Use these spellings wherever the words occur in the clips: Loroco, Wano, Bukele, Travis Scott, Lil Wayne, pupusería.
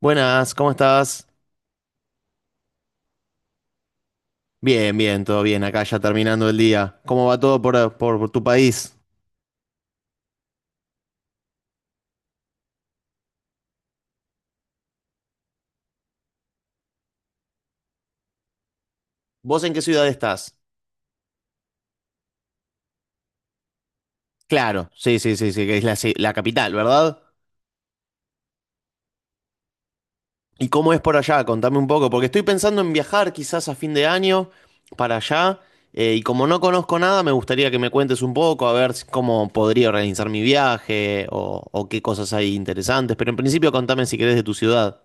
Buenas, ¿cómo estás? Bien, bien, todo bien, acá ya terminando el día. ¿Cómo va todo por tu país? ¿Vos en qué ciudad estás? Claro, sí, sí, sí, sí, que es la capital, ¿verdad? ¿Y cómo es por allá? Contame un poco, porque estoy pensando en viajar quizás a fin de año para allá, y como no conozco nada, me gustaría que me cuentes un poco, a ver si- cómo podría organizar mi viaje o qué cosas hay interesantes, pero en principio contame si querés de tu ciudad.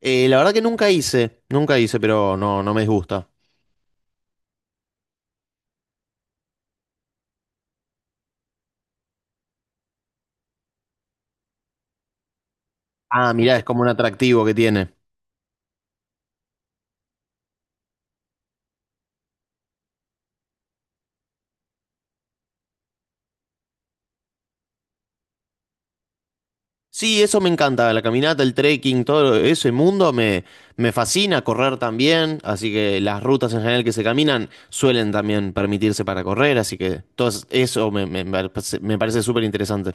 La verdad que nunca hice, pero no, no me disgusta. Ah, mirá, es como un atractivo que tiene. Sí, eso me encanta, la caminata, el trekking, todo ese mundo me fascina, correr también, así que las rutas en general que se caminan suelen también permitirse para correr, así que eso me parece súper interesante.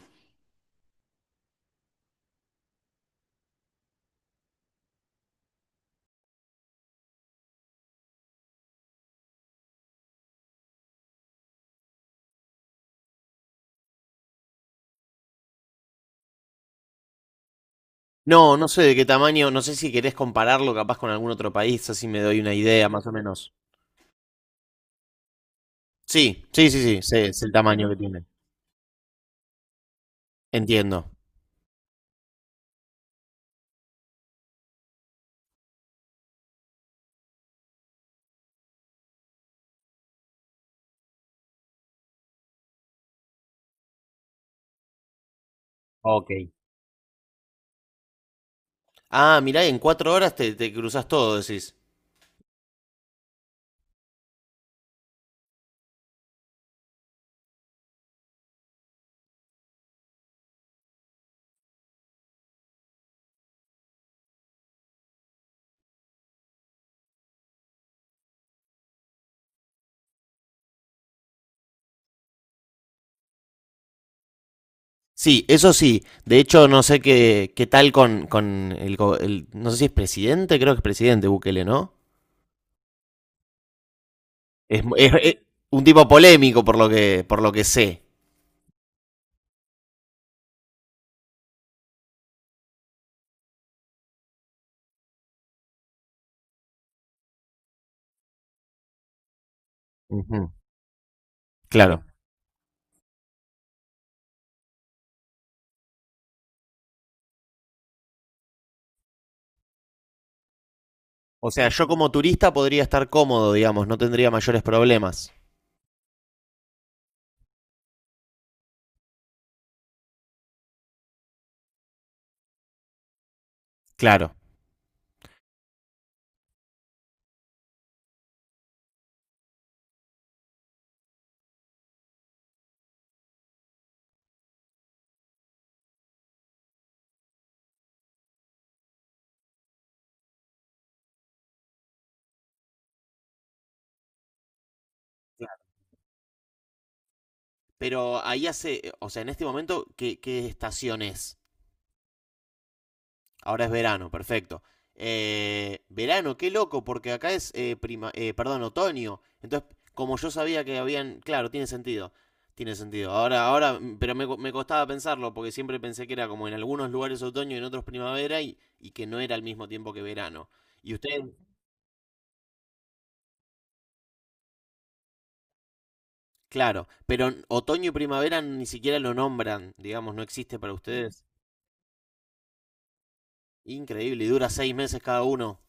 No, no sé de qué tamaño, no sé si querés compararlo capaz con algún otro país, así me doy una idea más o menos. Sí, sí, sí, sí, sé, es el tamaño que tiene. Entiendo. Ok. Ah, mirá, en 4 horas te cruzas todo, decís. Sí, eso sí. De hecho, no sé qué tal con el, no sé si es presidente, creo que es presidente Bukele, ¿no? Es un tipo polémico por lo que sé. Ujú. Claro. O sea, yo como turista podría estar cómodo, digamos, no tendría mayores problemas. Claro. Pero ahí hace, o sea, en este momento, ¿qué estación es? Ahora es verano, perfecto. Verano, qué loco, porque acá es perdón, otoño. Entonces, como yo sabía que habían, claro, tiene sentido, tiene sentido. Ahora, pero me costaba pensarlo porque siempre pensé que era como en algunos lugares otoño y en otros primavera y que no era al mismo tiempo que verano. Y ustedes, claro, pero n- otoño y primavera ni siquiera lo nombran, digamos, no existe para ustedes. Increíble, y dura 6 meses cada uno.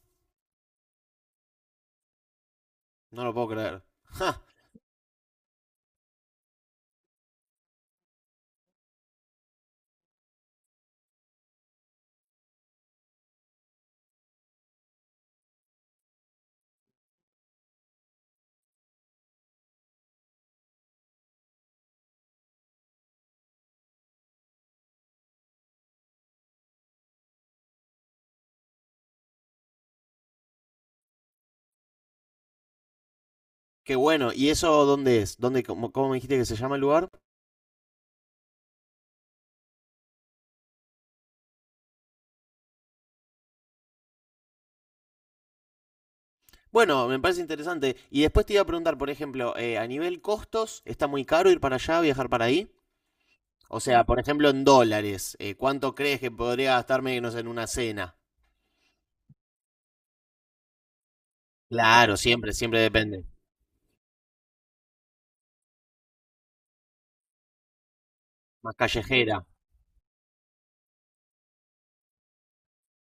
No lo puedo creer. Qué bueno. ¿Y eso dónde es? ¿Dónde, cómo, cómo me dijiste que se llama el lugar? Bueno, me parece interesante. Y después te iba a preguntar, por ejemplo, a nivel costos, ¿está muy caro ir para allá, viajar para ahí? O sea, por ejemplo, en dólares, ¿cuánto crees que podría gastarme, no sé, en una cena? Claro, siempre, siempre depende. Más callejera,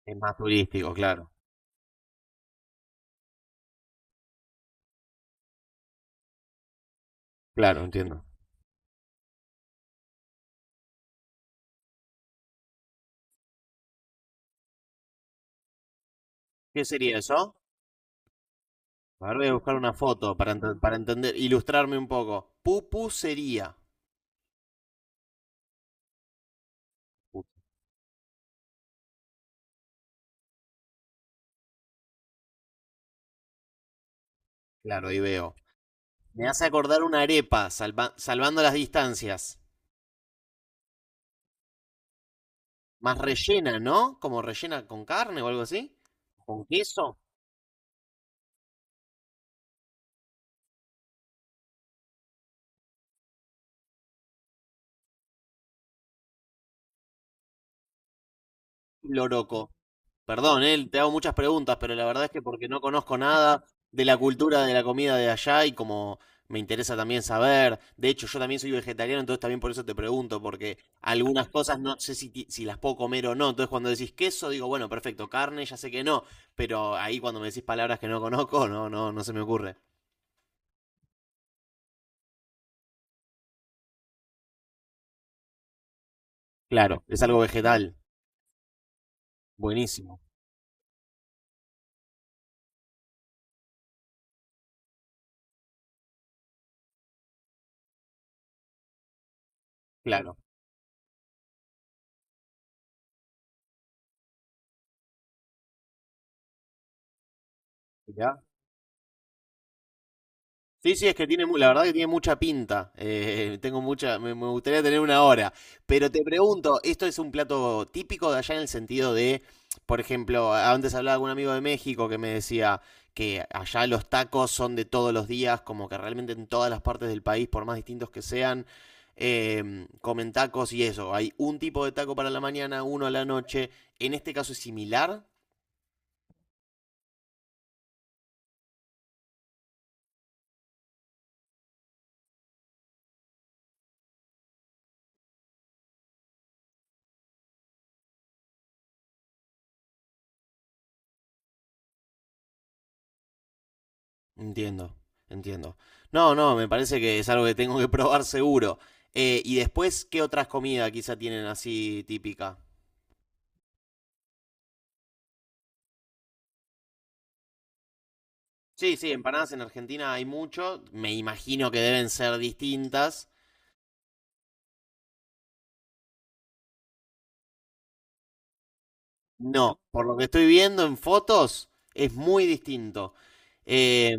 es más turístico, claro. Claro, entiendo. ¿Qué sería eso? A ver, voy a buscar una foto para, enten- para entender, ilustrarme un poco. Pupusería. Claro, ahí veo. Me hace acordar una arepa, salvando las distancias. Más rellena, ¿no? Como rellena con carne o algo así. ¿Con queso? Loroco. Perdón, él te hago muchas preguntas, pero la verdad es que porque no conozco nada de la cultura de la comida de allá y como me interesa también saber. De hecho, yo también soy vegetariano, entonces también por eso te pregunto, porque algunas cosas no sé si, si las puedo comer o no. Entonces cuando decís queso, digo, bueno, perfecto, carne, ya sé que no. Pero ahí cuando me decís palabras que no conozco, no, no, no se me ocurre. Claro, es algo vegetal. Buenísimo, claro. Mirá. Sí, sí, es que tiene, la verdad que tiene mucha pinta. Tengo mucha, me gustaría tener una hora. Pero te pregunto, ¿esto es un plato típico de allá en el sentido de, por ejemplo, antes hablaba con un amigo de México que me decía que allá los tacos son de todos los días, como que realmente en todas las partes del país, por más distintos que sean, comen tacos y eso. Hay un tipo de taco para la mañana, uno a la noche. ¿En este caso es similar? Entiendo, entiendo. No, no, me parece que es algo que tengo que probar seguro. Y después, ¿qué otras comidas quizá tienen así típica? Sí, sí, empanadas en Argentina hay mucho. Me imagino que deben ser distintas. No, por lo que estoy viendo en fotos, es muy distinto. Eh,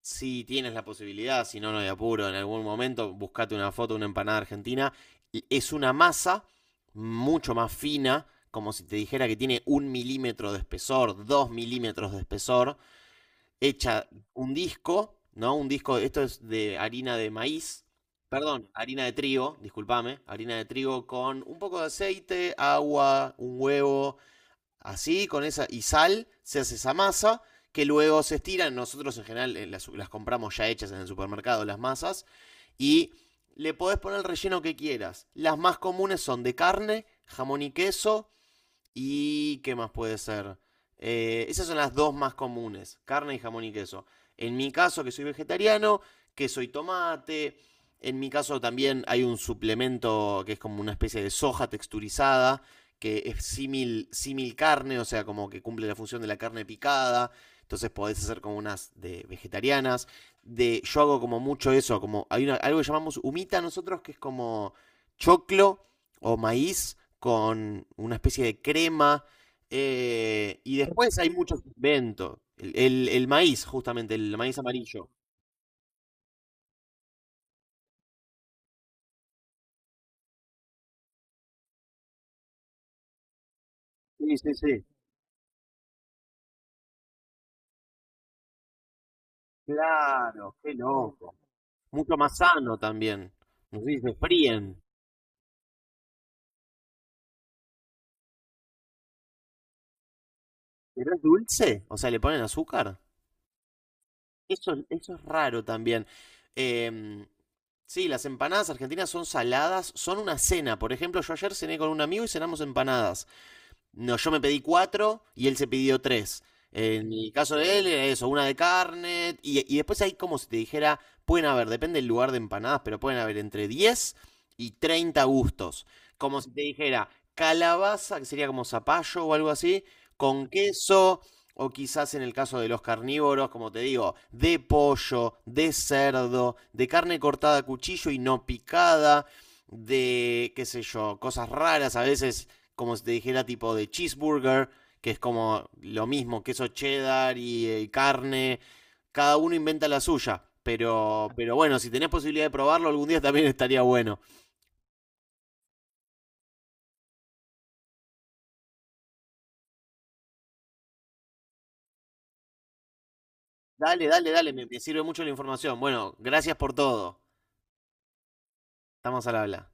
si tienes la posibilidad, si no, no hay apuro, en algún momento buscate una foto de una empanada argentina. Es una masa mucho más fina, como si te dijera que tiene 1 milímetro de espesor, 2 milímetros de espesor, hecha un disco, ¿no? Un disco, esto es de harina de maíz, perdón, harina de trigo, discúlpame, harina de trigo con un poco de aceite, agua, un huevo, así, con esa y sal, se hace esa masa que luego se estiran. Nosotros en general las compramos ya hechas en el supermercado, las masas, y le podés poner el relleno que quieras. Las más comunes son de carne, jamón y queso. ¿Y qué más puede ser? Esas son las dos más comunes, carne y jamón y queso. En mi caso, que soy vegetariano, queso y tomate. En mi caso también hay un suplemento que es como una especie de soja texturizada, que es símil, símil carne, o sea, como que cumple la función de la carne picada. Entonces podés hacer como unas de vegetarianas. De, yo hago como mucho eso, como hay algo que llamamos humita nosotros, que es como choclo o maíz con una especie de crema. Y después hay muchos inventos. El maíz, justamente, el maíz amarillo. Sí, sí, sí. Claro, qué loco. Mucho más sano también. No sé si se fríen. ¿Pero es dulce? O sea, ¿le ponen azúcar? Eso es raro también. Em, sí, las empanadas argentinas son saladas, son una cena. Por ejemplo, yo ayer cené con un amigo y cenamos empanadas. No, yo me pedí cuatro y él se pidió tres. En el caso de él era eso, una de carne. Y después hay como si te dijera, pueden haber, depende del lugar de empanadas, pero pueden haber entre 10 y 30 gustos. Como si te dijera, calabaza, que sería como zapallo o algo así, con queso, o quizás en el caso de los carnívoros, como te digo, de pollo, de cerdo, de carne cortada a cuchillo y no picada, de, qué sé yo, cosas raras, a veces como si te dijera tipo de cheeseburger, que es como lo mismo, queso cheddar y, carne. Cada uno inventa la suya. Pero bueno, si tenés posibilidad de probarlo, algún día también estaría bueno. Dale, dale, dale, me sirve mucho la información. Bueno, gracias por todo. Estamos al habla.